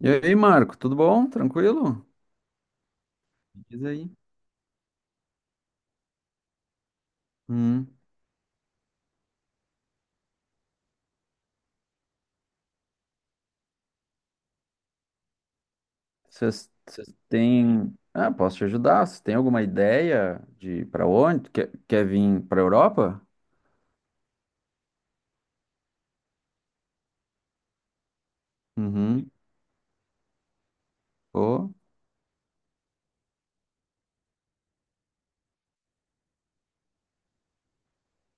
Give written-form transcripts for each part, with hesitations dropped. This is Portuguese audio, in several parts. E aí, Marco, tudo bom? Tranquilo? Me diz aí. Hum. Vocês têm. Ah, posso te ajudar? Vocês têm alguma ideia de para onde? Quer vir para Europa? Uhum. Pô.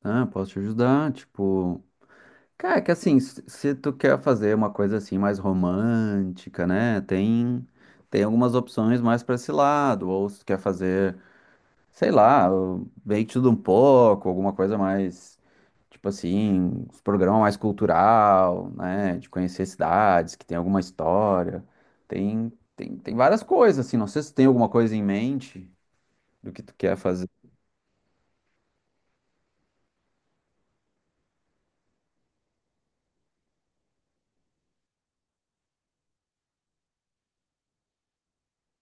Ah, posso te ajudar. Tipo, cara, que assim, se tu quer fazer uma coisa assim mais romântica, né? Tem algumas opções mais para esse lado. Ou se tu quer fazer, sei lá, bem de tudo um pouco, alguma coisa mais. Tipo assim, os programas mais cultural, né? De conhecer cidades que tem alguma história. Tem, tem várias coisas, assim. Não sei se tem alguma coisa em mente do que tu quer fazer.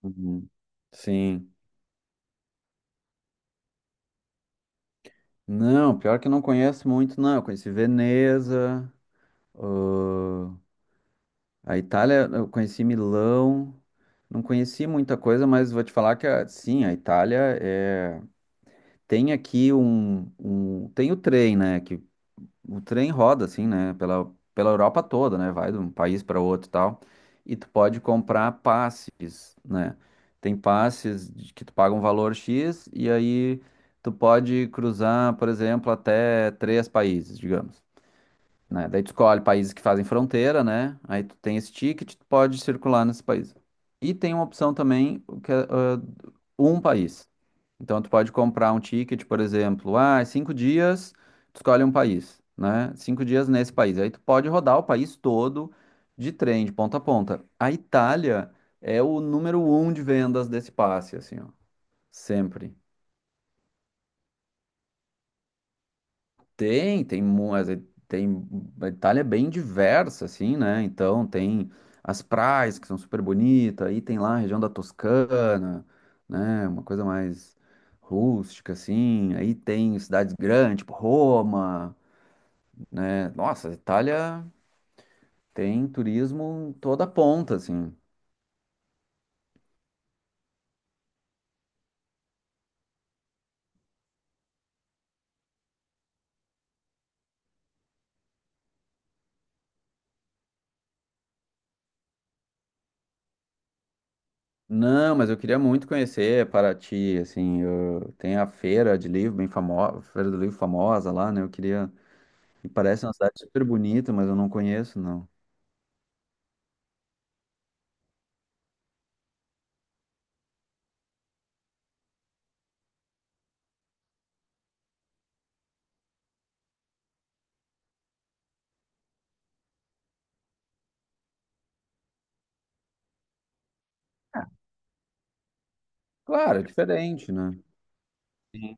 Uhum. Sim. Não, pior que eu não conheço muito, não. Eu conheci Veneza, ah, a Itália, eu conheci Milão. Não conheci muita coisa, mas vou te falar que, sim, a Itália é. Tem aqui um, um- tem o trem, né, que o trem roda assim, né, pela Europa toda, né, vai de um país para outro e tal, e tu pode comprar passes, né, tem passes que tu paga um valor X e aí tu pode cruzar, por exemplo, até três países, digamos, né, daí tu escolhe países que fazem fronteira, né, aí tu tem esse ticket, tu pode circular nesse país. E tem uma opção também, o que é, um país. Então, tu pode comprar um ticket, por exemplo, 5 dias, tu escolhe um país, né? 5 dias nesse país. Aí tu pode rodar o país todo de trem, de ponta a ponta. A Itália é o número um de vendas desse passe, assim, ó, sempre. Tem, a Itália é bem diversa, assim, né? Então tem as praias que são super bonitas, aí tem lá a região da Toscana, né? Uma coisa mais rústica, assim. Aí tem cidades grandes, tipo Roma, né? Nossa, a Itália tem turismo em toda ponta, assim. Não, mas eu queria muito conhecer Paraty, assim, tem a feira do livro famosa lá, né? Eu queria E parece uma cidade super bonita, mas eu não conheço, não. Ah, claro, é diferente, né? Sim.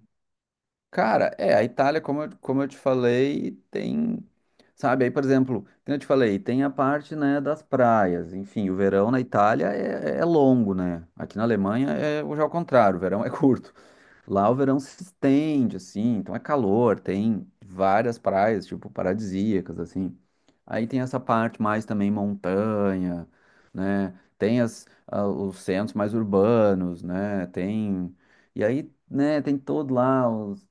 Cara, é, a Itália, como eu te falei, tem. Sabe, aí, por exemplo, como eu te falei, tem a parte, né, das praias. Enfim, o verão na Itália é longo, né? Aqui na Alemanha é já ao contrário, o verão é curto. Lá o verão se estende, assim, então é calor, tem várias praias, tipo, paradisíacas, assim. Aí tem essa parte mais também montanha, né? Tem os centros mais urbanos, né? Tem... E aí, né, tem todo lá os,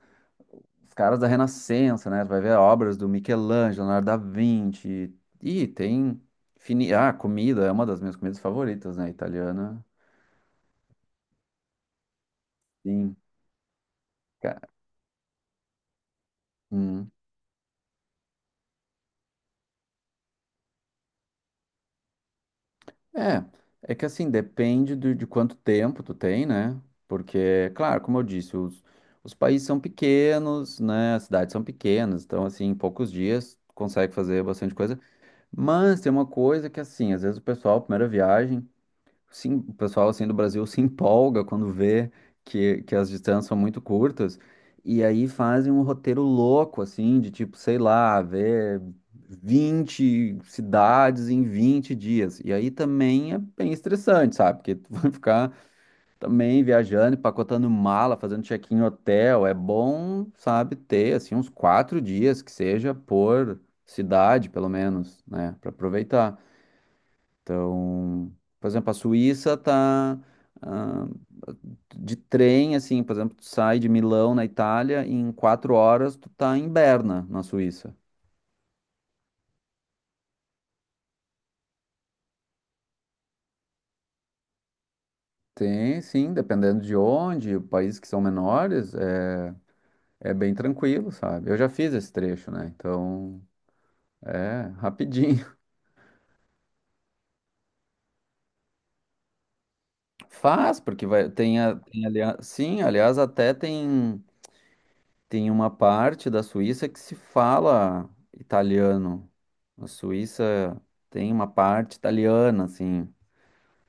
os caras da Renascença, né? Tu vai ver obras do Michelangelo, Leonardo da Vinci. E tem... Ah, comida, é uma das minhas comidas favoritas, né? Italiana. Sim. Ca- hum. É, é que assim, depende de quanto tempo tu tem, né? Porque, claro, como eu disse, os países são pequenos, né? As cidades são pequenas, então, assim, em poucos dias consegue fazer bastante coisa. Mas tem uma coisa que, assim, às vezes o pessoal, primeira viagem. Sim, o pessoal assim do Brasil se empolga quando vê que as distâncias são muito curtas e aí fazem um roteiro louco assim, de tipo, sei lá, ver 20 cidades em 20 dias. E aí também é bem estressante, sabe? Porque tu vai ficar também viajando, empacotando mala, fazendo check-in em hotel. É bom, sabe, ter assim uns 4 dias que seja por cidade, pelo menos, né, para aproveitar. Então, por exemplo, a Suíça tá, ah, de trem, assim, por exemplo, tu sai de Milão, na Itália, e em 4 horas tu tá em Berna, na Suíça. Tem, sim, dependendo de onde, países que são menores, é, bem tranquilo, sabe? Eu já fiz esse trecho, né? Então, é rapidinho. Faz, porque vai, tem, tem aliás, sim, aliás, até tem. Tem uma parte da Suíça que se fala italiano. A Suíça tem uma parte italiana, assim,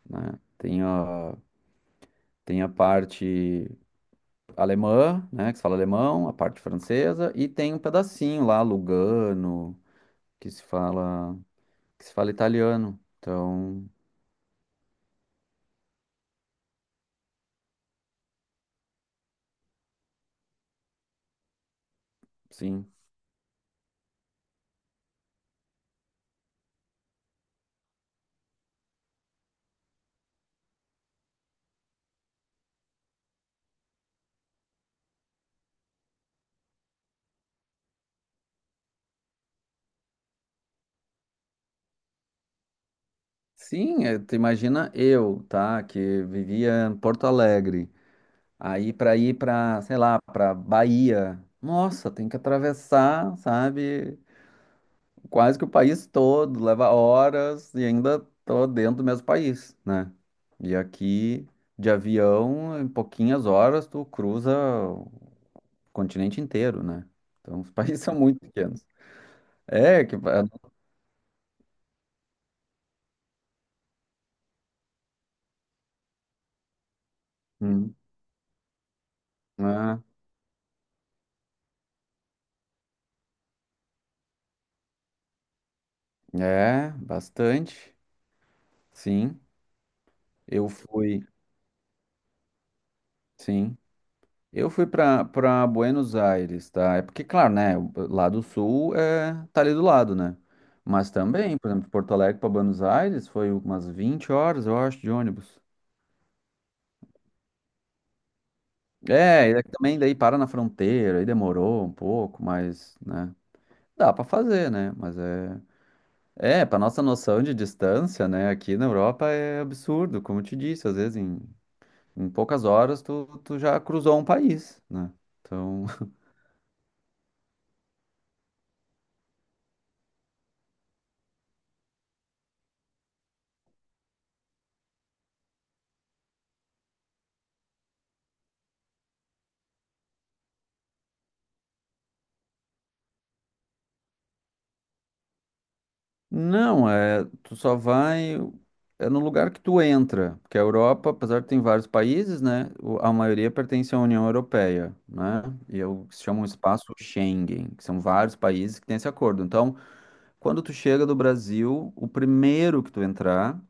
né? Tem a parte alemã, né, que se fala alemão, a parte francesa, e tem um pedacinho lá, Lugano, que se fala, que se fala italiano. Então, sim. Sim, tu imagina eu, tá, que vivia em Porto Alegre. Aí para ir para, sei lá, para Bahia. Nossa, tem que atravessar, sabe? Quase que o país todo, leva horas e ainda tô dentro do mesmo país, né? E aqui de avião, em pouquinhas horas tu cruza o continente inteiro, né? Então os países são muito pequenos. É que Hum. Ah, é bastante. Sim, eu fui, sim. Eu fui pra para Buenos Aires, tá? É porque, claro, né? Lá do sul é, tá ali do lado, né? Mas também, por exemplo, de Porto Alegre para Buenos Aires foi umas 20 horas, eu acho, de ônibus. É, e daí também daí para na fronteira, aí demorou um pouco, mas, né? Dá pra fazer, né? Mas é. É, pra nossa noção de distância, né? Aqui na Europa é absurdo, como eu te disse, às vezes em poucas horas tu já cruzou um país, né? Então. Não, é, tu só vai é no lugar que tu entra, porque a Europa, apesar de ter vários países, né, a maioria pertence à União Europeia, né, e é o que se chama um espaço Schengen, que são vários países que têm esse acordo. Então, quando tu chega do Brasil, o primeiro que tu entrar,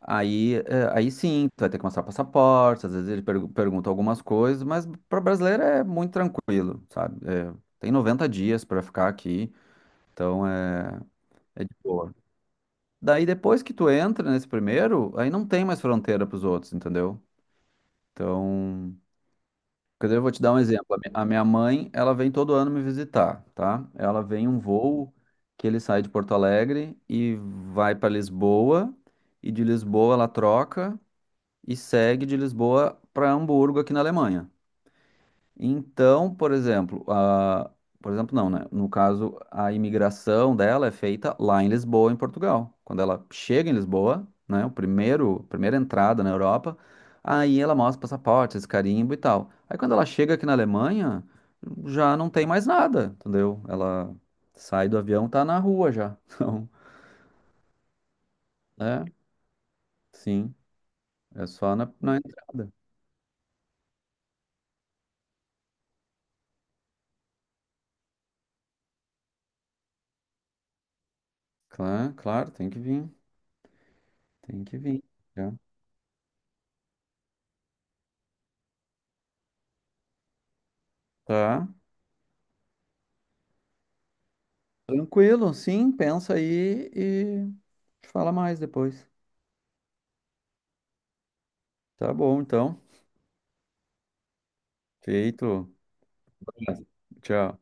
aí, é, aí sim, tu vai ter que mostrar passaporte, às vezes ele pergunta algumas coisas, mas para brasileiro é muito tranquilo, sabe? É, tem 90 dias para ficar aqui, então é, de boa. Daí depois que tu entra nesse primeiro, aí não tem mais fronteira pros outros, entendeu? Então, quer dizer, eu vou te dar um exemplo. A minha mãe, ela vem todo ano me visitar, tá? Ela vem um voo que ele sai de Porto Alegre e vai para Lisboa, e de Lisboa ela troca e segue de Lisboa para Hamburgo aqui na Alemanha. Então, por exemplo, não, né? No caso, a imigração dela é feita lá em Lisboa, em Portugal. Quando ela chega em Lisboa, né? Primeira entrada na Europa, aí ela mostra passaporte, esse carimbo e tal. Aí quando ela chega aqui na Alemanha, já não tem mais nada, entendeu? Ela sai do avião, tá na rua já. Então, é, sim, é só na entrada. Claro, claro, tem que vir, tem que vir. Já. Tá. Tranquilo, sim, pensa aí e fala mais depois. Tá bom, então. Feito. Tchau.